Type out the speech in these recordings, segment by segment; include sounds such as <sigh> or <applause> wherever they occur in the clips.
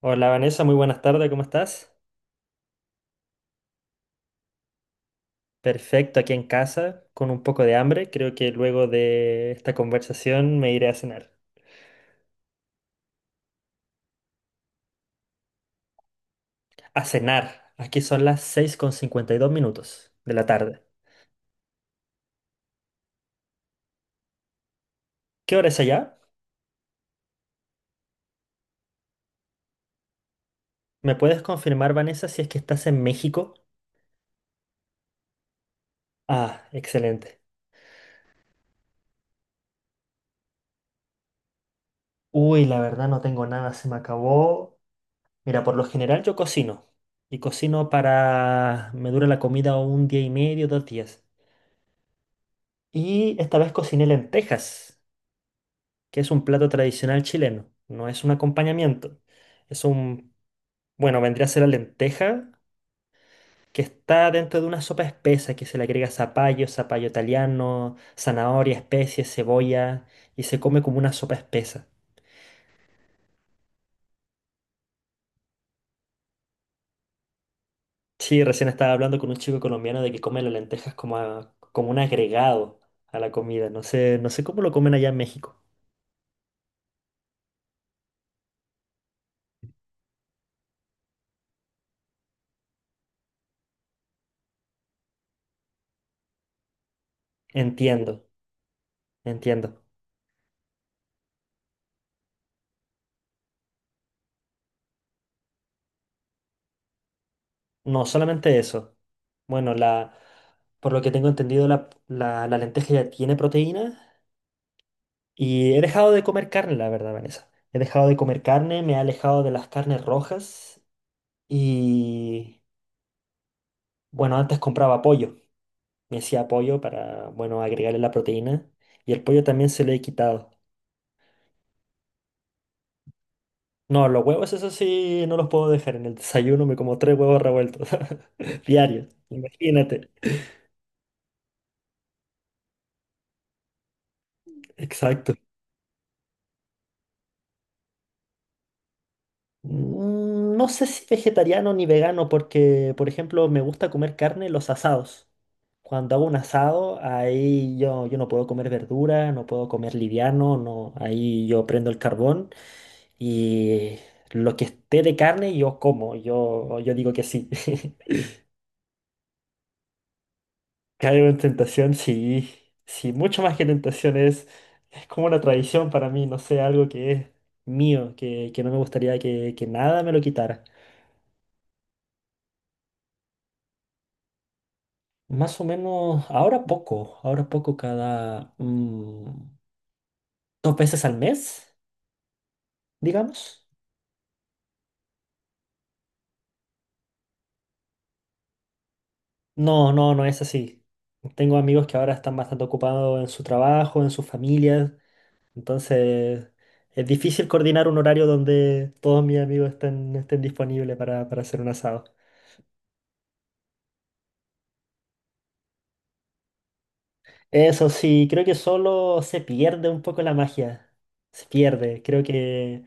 Hola Vanessa, muy buenas tardes, ¿cómo estás? Perfecto, aquí en casa, con un poco de hambre. Creo que luego de esta conversación me iré a cenar. A cenar, aquí son las 6:52 minutos de la tarde. ¿Qué hora es allá? ¿Me puedes confirmar, Vanessa, si es que estás en México? Ah, excelente. Uy, la verdad no tengo nada, se me acabó. Mira, por lo general yo cocino. Y cocino para. Me dura la comida un día y medio, 2 días. Y esta vez cociné lentejas, que es un plato tradicional chileno, no es un acompañamiento. Es un, bueno, vendría a ser la lenteja, que está dentro de una sopa espesa que se le agrega zapallo, zapallo italiano, zanahoria, especies, cebolla, y se come como una sopa espesa. Sí, recién estaba hablando con un chico colombiano de que come las lentejas como, como un agregado a la comida. No sé, no sé cómo lo comen allá en México. Entiendo, entiendo. No, solamente eso. Bueno, por lo que tengo entendido, la lenteja ya tiene proteína y he dejado de comer carne, la verdad, Vanessa. He dejado de comer carne, me he alejado de las carnes rojas y, bueno, antes compraba pollo. Me hacía pollo para, bueno, agregarle la proteína y el pollo también se le he quitado. No, los huevos, eso sí, no los puedo dejar. En el desayuno me como tres huevos revueltos <laughs> diarios. Imagínate. Exacto. No sé si vegetariano ni vegano, porque, por ejemplo, me gusta comer carne en los asados. Cuando hago un asado, ahí yo no puedo comer verdura, no puedo comer liviano, no, ahí yo prendo el carbón y lo que esté de carne yo como, yo digo que sí. <laughs> Caigo en tentación, sí, sí, mucho más que tentación es, como una tradición para mí, no sé, algo que es mío, que no me gustaría que nada me lo quitara. Más o menos, ahora poco, ahora poco cada dos veces al mes, digamos. No, no, no es así. Tengo amigos que ahora están bastante ocupados en su trabajo, en sus familias, entonces es difícil coordinar un horario donde todos mis amigos estén disponibles para hacer un asado. Eso sí, creo que solo se pierde un poco la magia. Se pierde, creo que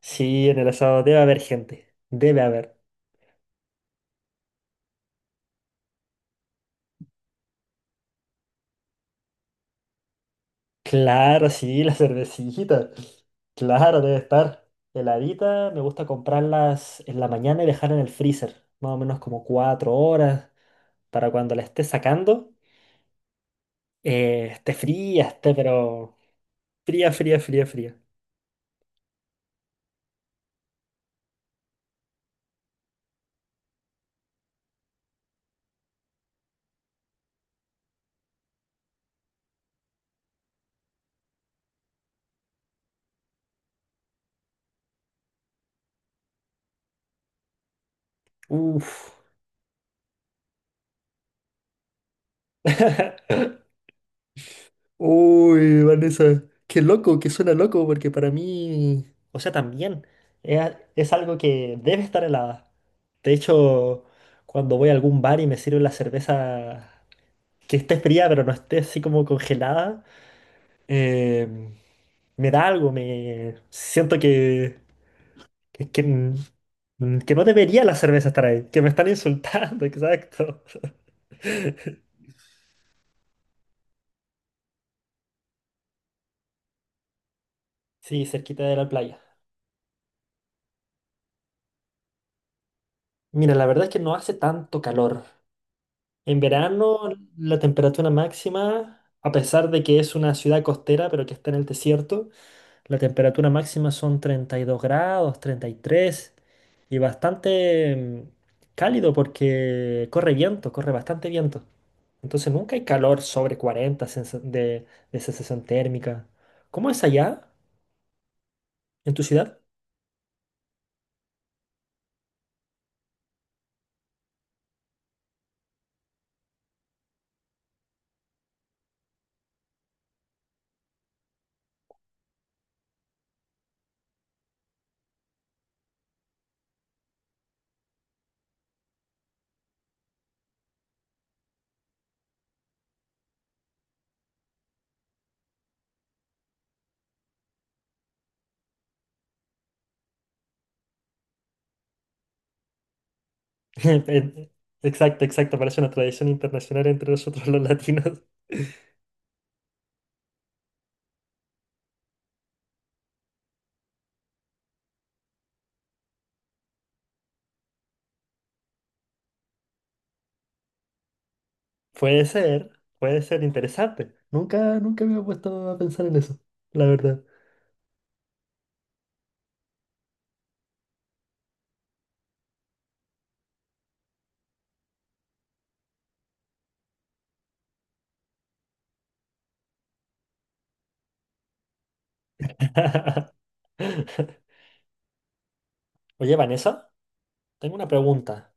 sí, en el asado debe haber gente, debe haber. Claro, sí, la cervecita. Claro, debe estar heladita. Me gusta comprarlas en la mañana y dejarla en el freezer, más o menos como 4 horas, para cuando la esté sacando, esté fría, esté pero fría, fría, fría, fría. Uf. Uy, Vanessa, qué loco, que suena loco, porque para mí, o sea, también es, es algo que debe estar helada. De hecho, cuando voy a algún bar y me sirven la cerveza que esté fría, pero no esté así como congelada, eh, me da algo, me siento que, que que no debería la cerveza estar ahí, que me están insultando, <laughs> exacto. Sí, cerquita de la playa. Mira, la verdad es que no hace tanto calor. En verano la temperatura máxima, a pesar de que es una ciudad costera, pero que está en el desierto, la temperatura máxima son 32 grados, 33 y bastante cálido porque corre viento, corre bastante viento. Entonces nunca hay calor sobre 40 de sensación térmica. ¿Cómo es allá en tu ciudad? <laughs> En- Exacto, exacto, parece una tradición internacional entre nosotros los latinos. <laughs> Puede ser, puede ser interesante. Nunca, nunca me he puesto a pensar en eso, la verdad. <laughs> Oye, Vanessa, tengo una pregunta.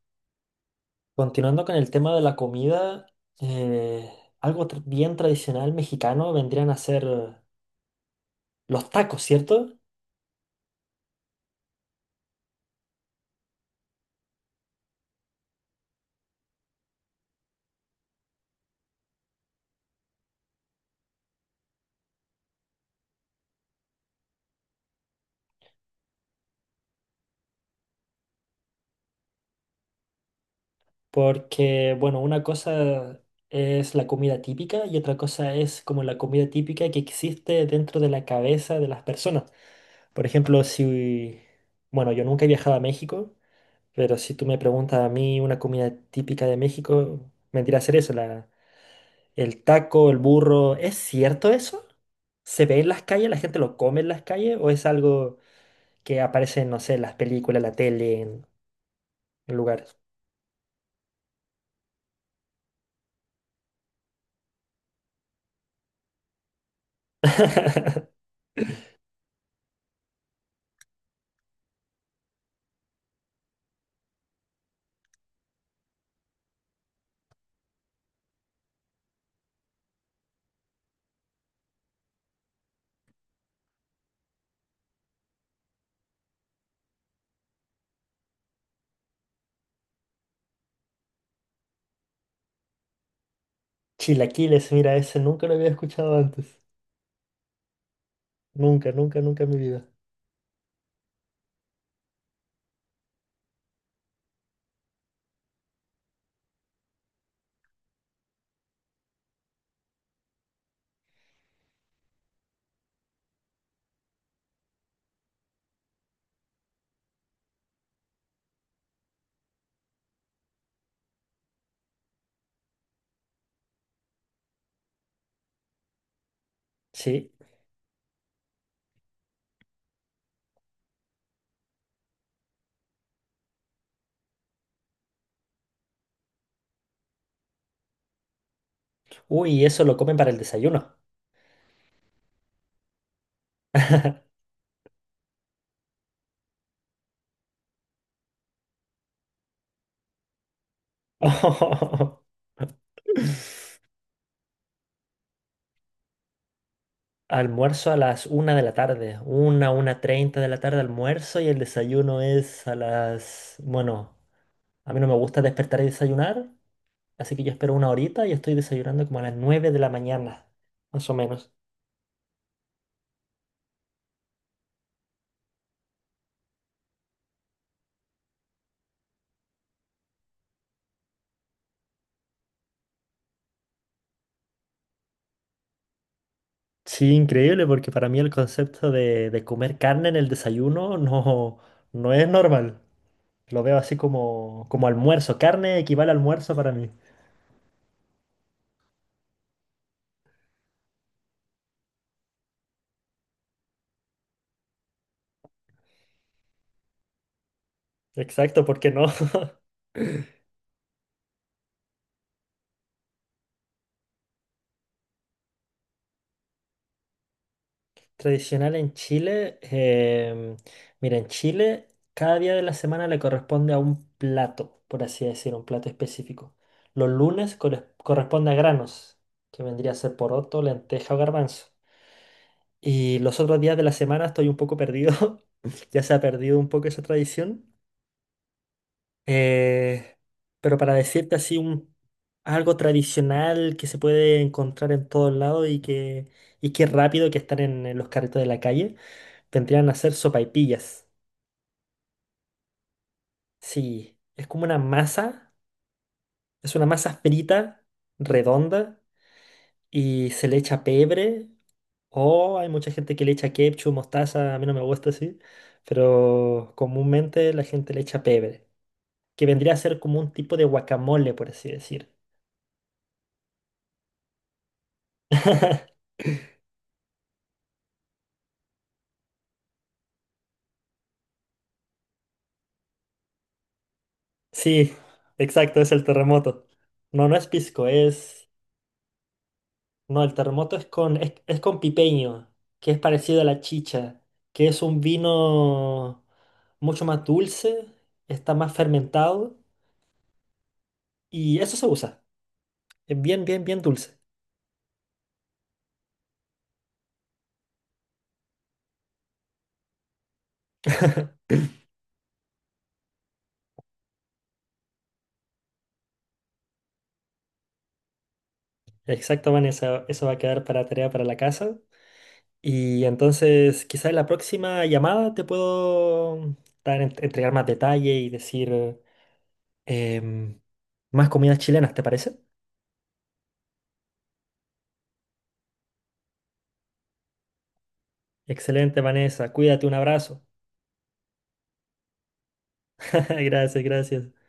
Continuando con el tema de la comida, eh, algo bien tradicional mexicano vendrían a ser los tacos, ¿cierto? Porque, bueno, una cosa es la comida típica y otra cosa es como la comida típica que existe dentro de la cabeza de las personas. Por ejemplo, si, bueno, yo nunca he viajado a México, pero si tú me preguntas a mí una comida típica de México, vendría a ser eso, el taco, el burro, ¿es cierto eso? ¿Se ve en las calles? ¿La gente lo come en las calles? ¿O es algo que aparece en, no sé, en las películas, la tele, en lugares? Chilaquiles, mira, ese nunca lo había escuchado antes. Nunca, nunca, nunca en mi vida. Sí. Uy, eso lo comen para el desayuno. <laughs> Oh. Almuerzo a las una de la tarde. Una treinta de la tarde almuerzo y el desayuno es a las. Bueno, a mí no me gusta despertar y desayunar. Así que yo espero una horita y estoy desayunando como a las 9 de la mañana, más o menos. Sí, increíble, porque para mí el concepto de comer carne en el desayuno no, no es normal. Lo veo así como almuerzo. Carne equivale a almuerzo para mí. Exacto, ¿porque no? <laughs> Tradicional en Chile, mira, en Chile cada día de la semana le corresponde a un plato, por así decir, un plato específico. Los lunes corresponde a granos, que vendría a ser poroto, lenteja o garbanzo. Y los otros días de la semana estoy un poco perdido, <laughs> ya se ha perdido un poco esa tradición. Eh, pero para decirte así algo tradicional que se puede encontrar en todos lados y que es rápido que están en los carritos de la calle. Vendrían a ser sopaipillas. Sí, es como una masa, es una masa frita, redonda, y se le echa pebre. O hay mucha gente que le echa ketchup, mostaza, a mí no me gusta así, pero comúnmente la gente le echa pebre, que vendría a ser como un tipo de guacamole, por así decir. <laughs> Sí, exacto, es el terremoto. No, no es pisco, es. No, el terremoto es con, es con pipeño, que es parecido a la chicha, que es un vino mucho más dulce, está más fermentado y eso se usa. Es bien, bien, bien dulce. Exacto, Vanessa, eso va a quedar para tarea para la casa. Y entonces, quizás en la próxima llamada te puedo dar, entregar más detalle y decir em, más comidas chilenas, ¿te parece? Excelente, Vanessa. Cuídate, un abrazo. <laughs> Gracias, gracias.